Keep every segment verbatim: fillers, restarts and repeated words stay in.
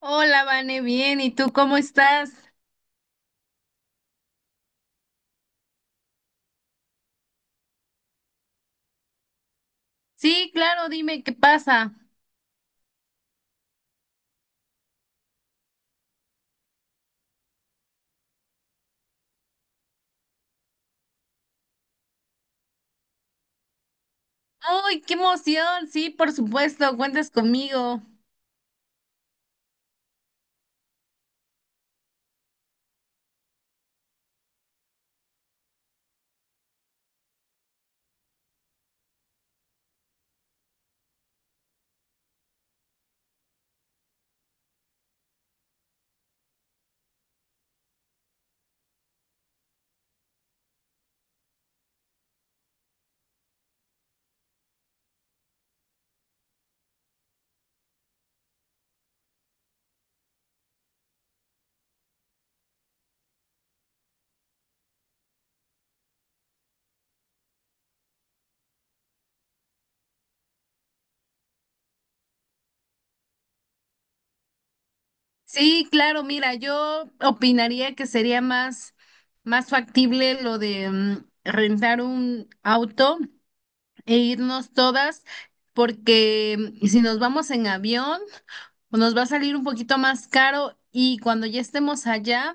Hola, Vane, bien, ¿y tú cómo estás? Sí, claro, dime qué pasa. ¡Ay, qué emoción! Sí, por supuesto, cuentas conmigo. Sí, claro, mira, yo opinaría que sería más, más factible lo de mm, rentar un auto e irnos todas, porque mm, si nos vamos en avión, pues nos va a salir un poquito más caro y cuando ya estemos allá,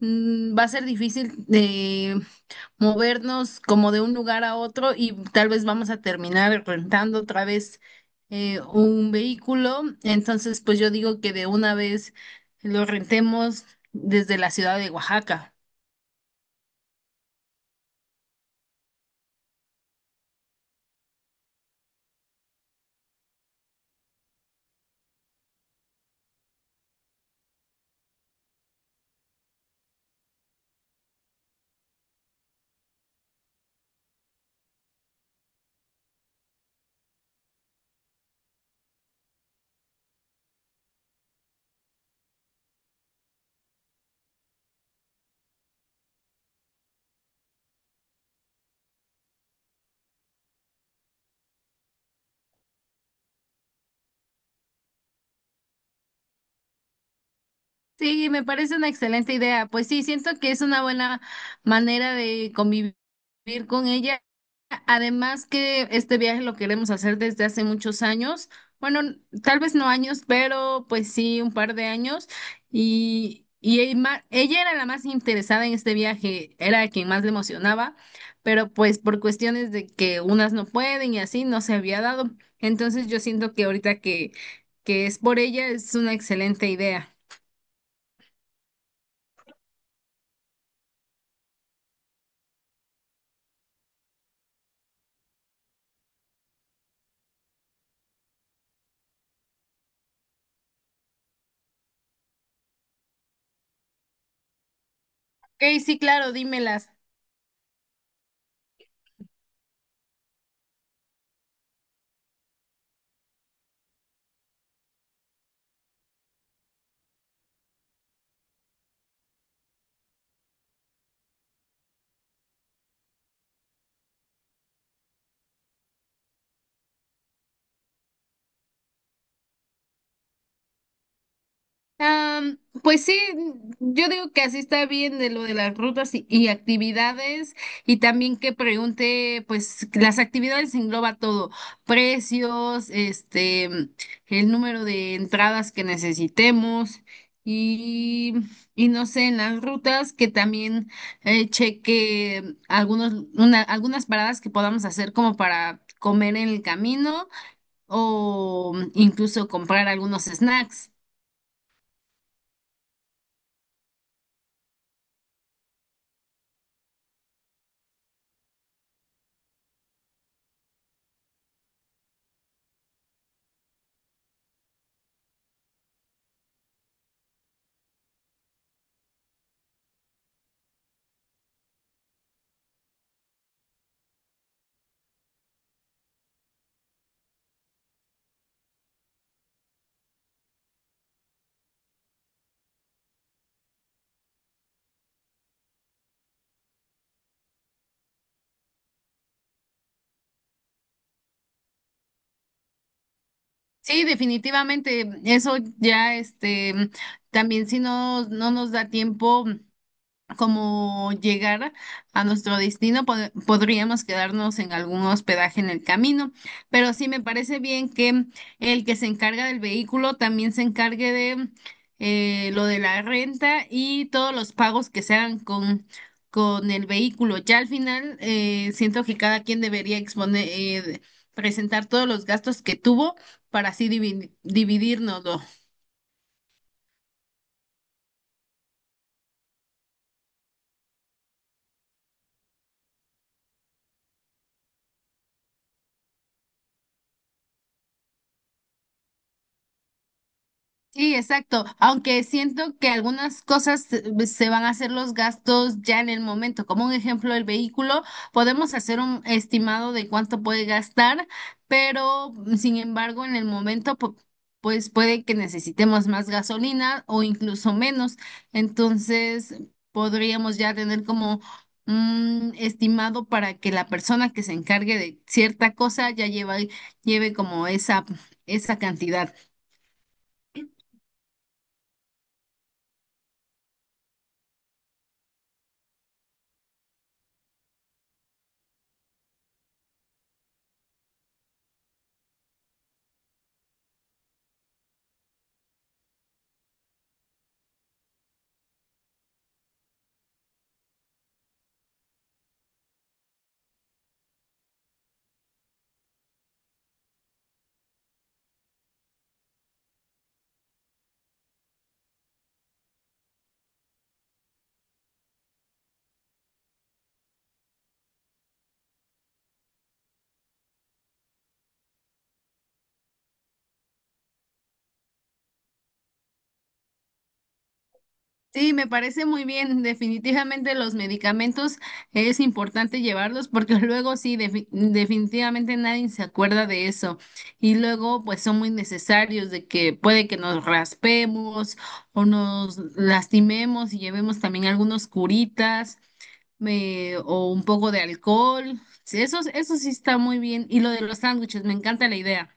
mm, va a ser difícil movernos como de un lugar a otro y tal vez vamos a terminar rentando otra vez eh, un vehículo. Entonces, pues yo digo que de una vez lo rentemos desde la ciudad de Oaxaca. Sí, me parece una excelente idea. Pues sí, siento que es una buena manera de convivir con ella. Además que este viaje lo queremos hacer desde hace muchos años. Bueno, tal vez no años, pero pues sí, un par de años. Y, y el ma- ella era la más interesada en este viaje, era quien más le emocionaba, pero pues por cuestiones de que unas no pueden y así no se había dado. Entonces yo siento que ahorita que, que es por ella es una excelente idea. Ok, sí, claro, dímelas. Am, pues sí, yo digo que así está bien de lo de las rutas y, y actividades y también que pregunte, pues las actividades engloba todo, precios, este, el número de entradas que necesitemos y, y no sé, en las rutas que también eh, cheque algunos, una- algunas paradas que podamos hacer como para comer en el camino, o mm, incluso comprar algunos snacks. Sí, definitivamente, eso ya, este, mm, también si no, no nos da tiempo como llegar a nuestro destino, pod- podríamos quedarnos en algún hospedaje en el camino, pero sí me parece bien que el que se encarga del vehículo también se encargue de eh, lo de la renta y todos los pagos que se hagan con, con el vehículo. Ya al final, eh, siento que cada quien debería exponer, eh, presentar todos los gastos que tuvo para así dividirnos. Sí, exacto. Aunque siento que algunas cosas se se van a hacer los gastos ya en el momento. Como un ejemplo, el vehículo, podemos hacer un estimado de cuánto puede gastar, pero mm, sin embargo, en el momento, pu- pues puede que necesitemos más gasolina o incluso menos. Entonces, podríamos ya tener como un estimado para que la persona que se encargue de cierta cosa ya lleva, lleve como esa, esa cantidad. Sí, me parece muy bien. Definitivamente los medicamentos es importante llevarlos porque luego sí, defi- definitivamente nadie se acuerda de eso. Y luego pues son muy necesarios de que puede que nos raspemos o nos lastimemos y llevemos también algunos curitas me- o un poco de alcohol. Sí, eso, eso sí está muy bien. Y lo de los sándwiches, me encanta la idea.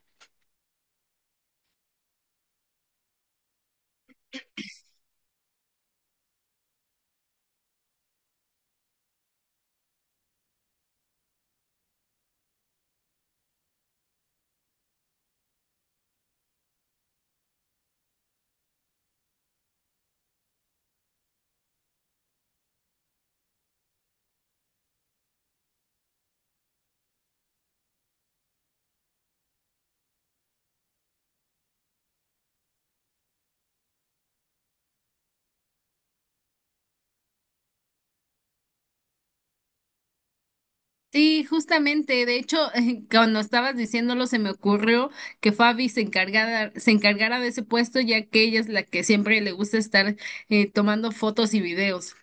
Sí, justamente, de hecho, cuando estabas diciéndolo se me ocurrió que Fabi se encargara, se encargara de ese puesto, ya que ella es la que siempre le gusta estar eh, tomando fotos y videos.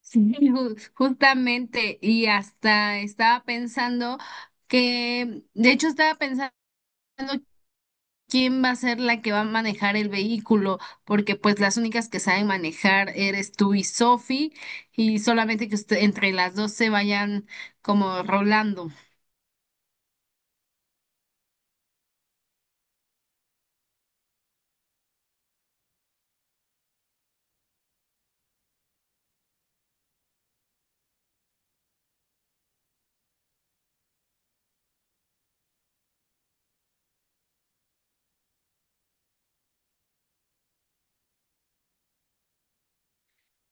Sí, ju- justamente, y hasta estaba pensando que, de hecho, estaba pensando quién va a ser la que va a manejar el vehículo, porque pues las únicas que saben manejar eres tú y Sophie, y solamente que usted- entre las dos se vayan como rolando.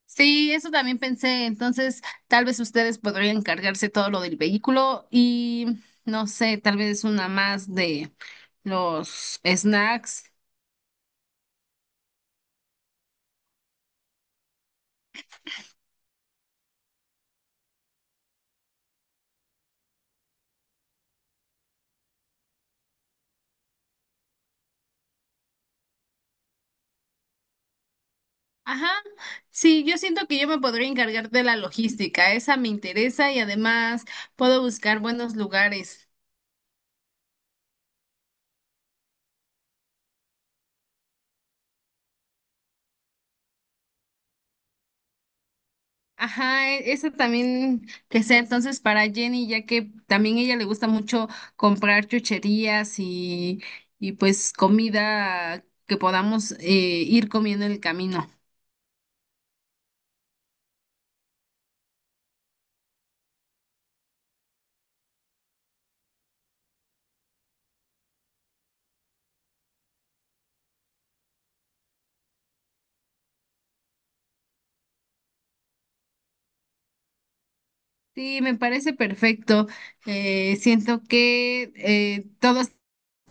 Sí, eso también pensé. Entonces, tal vez ustedes podrían encargarse todo lo del vehículo y no sé, tal vez una más de los snacks. Ajá. Sí, yo siento que yo me podría encargar de la logística. Esa me interesa y además puedo buscar buenos lugares. Ajá, e- eso también que sea entonces para Jenny, ya que también ella le gusta mucho comprar chucherías y, y pues comida que podamos eh, ir comiendo en el camino. Sí, me parece perfecto. Eh, siento que eh, todos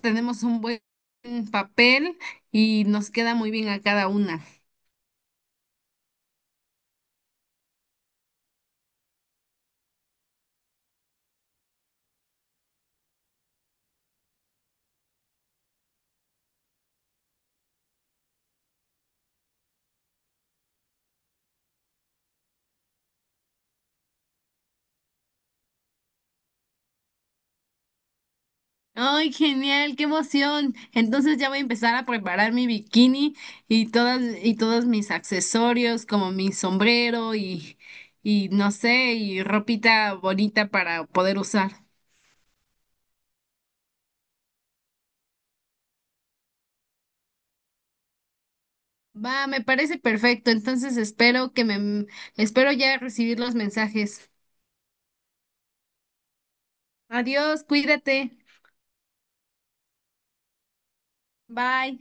tenemos un buen papel y nos queda muy bien a cada una. Ay, genial, qué emoción. Entonces ya voy a empezar a preparar mi bikini y todas y todos mis accesorios, como mi sombrero y y no sé, y ropita bonita para poder usar. Va, me parece perfecto. Entonces espero que me espero ya recibir los mensajes. Adiós, cuídate. Bye.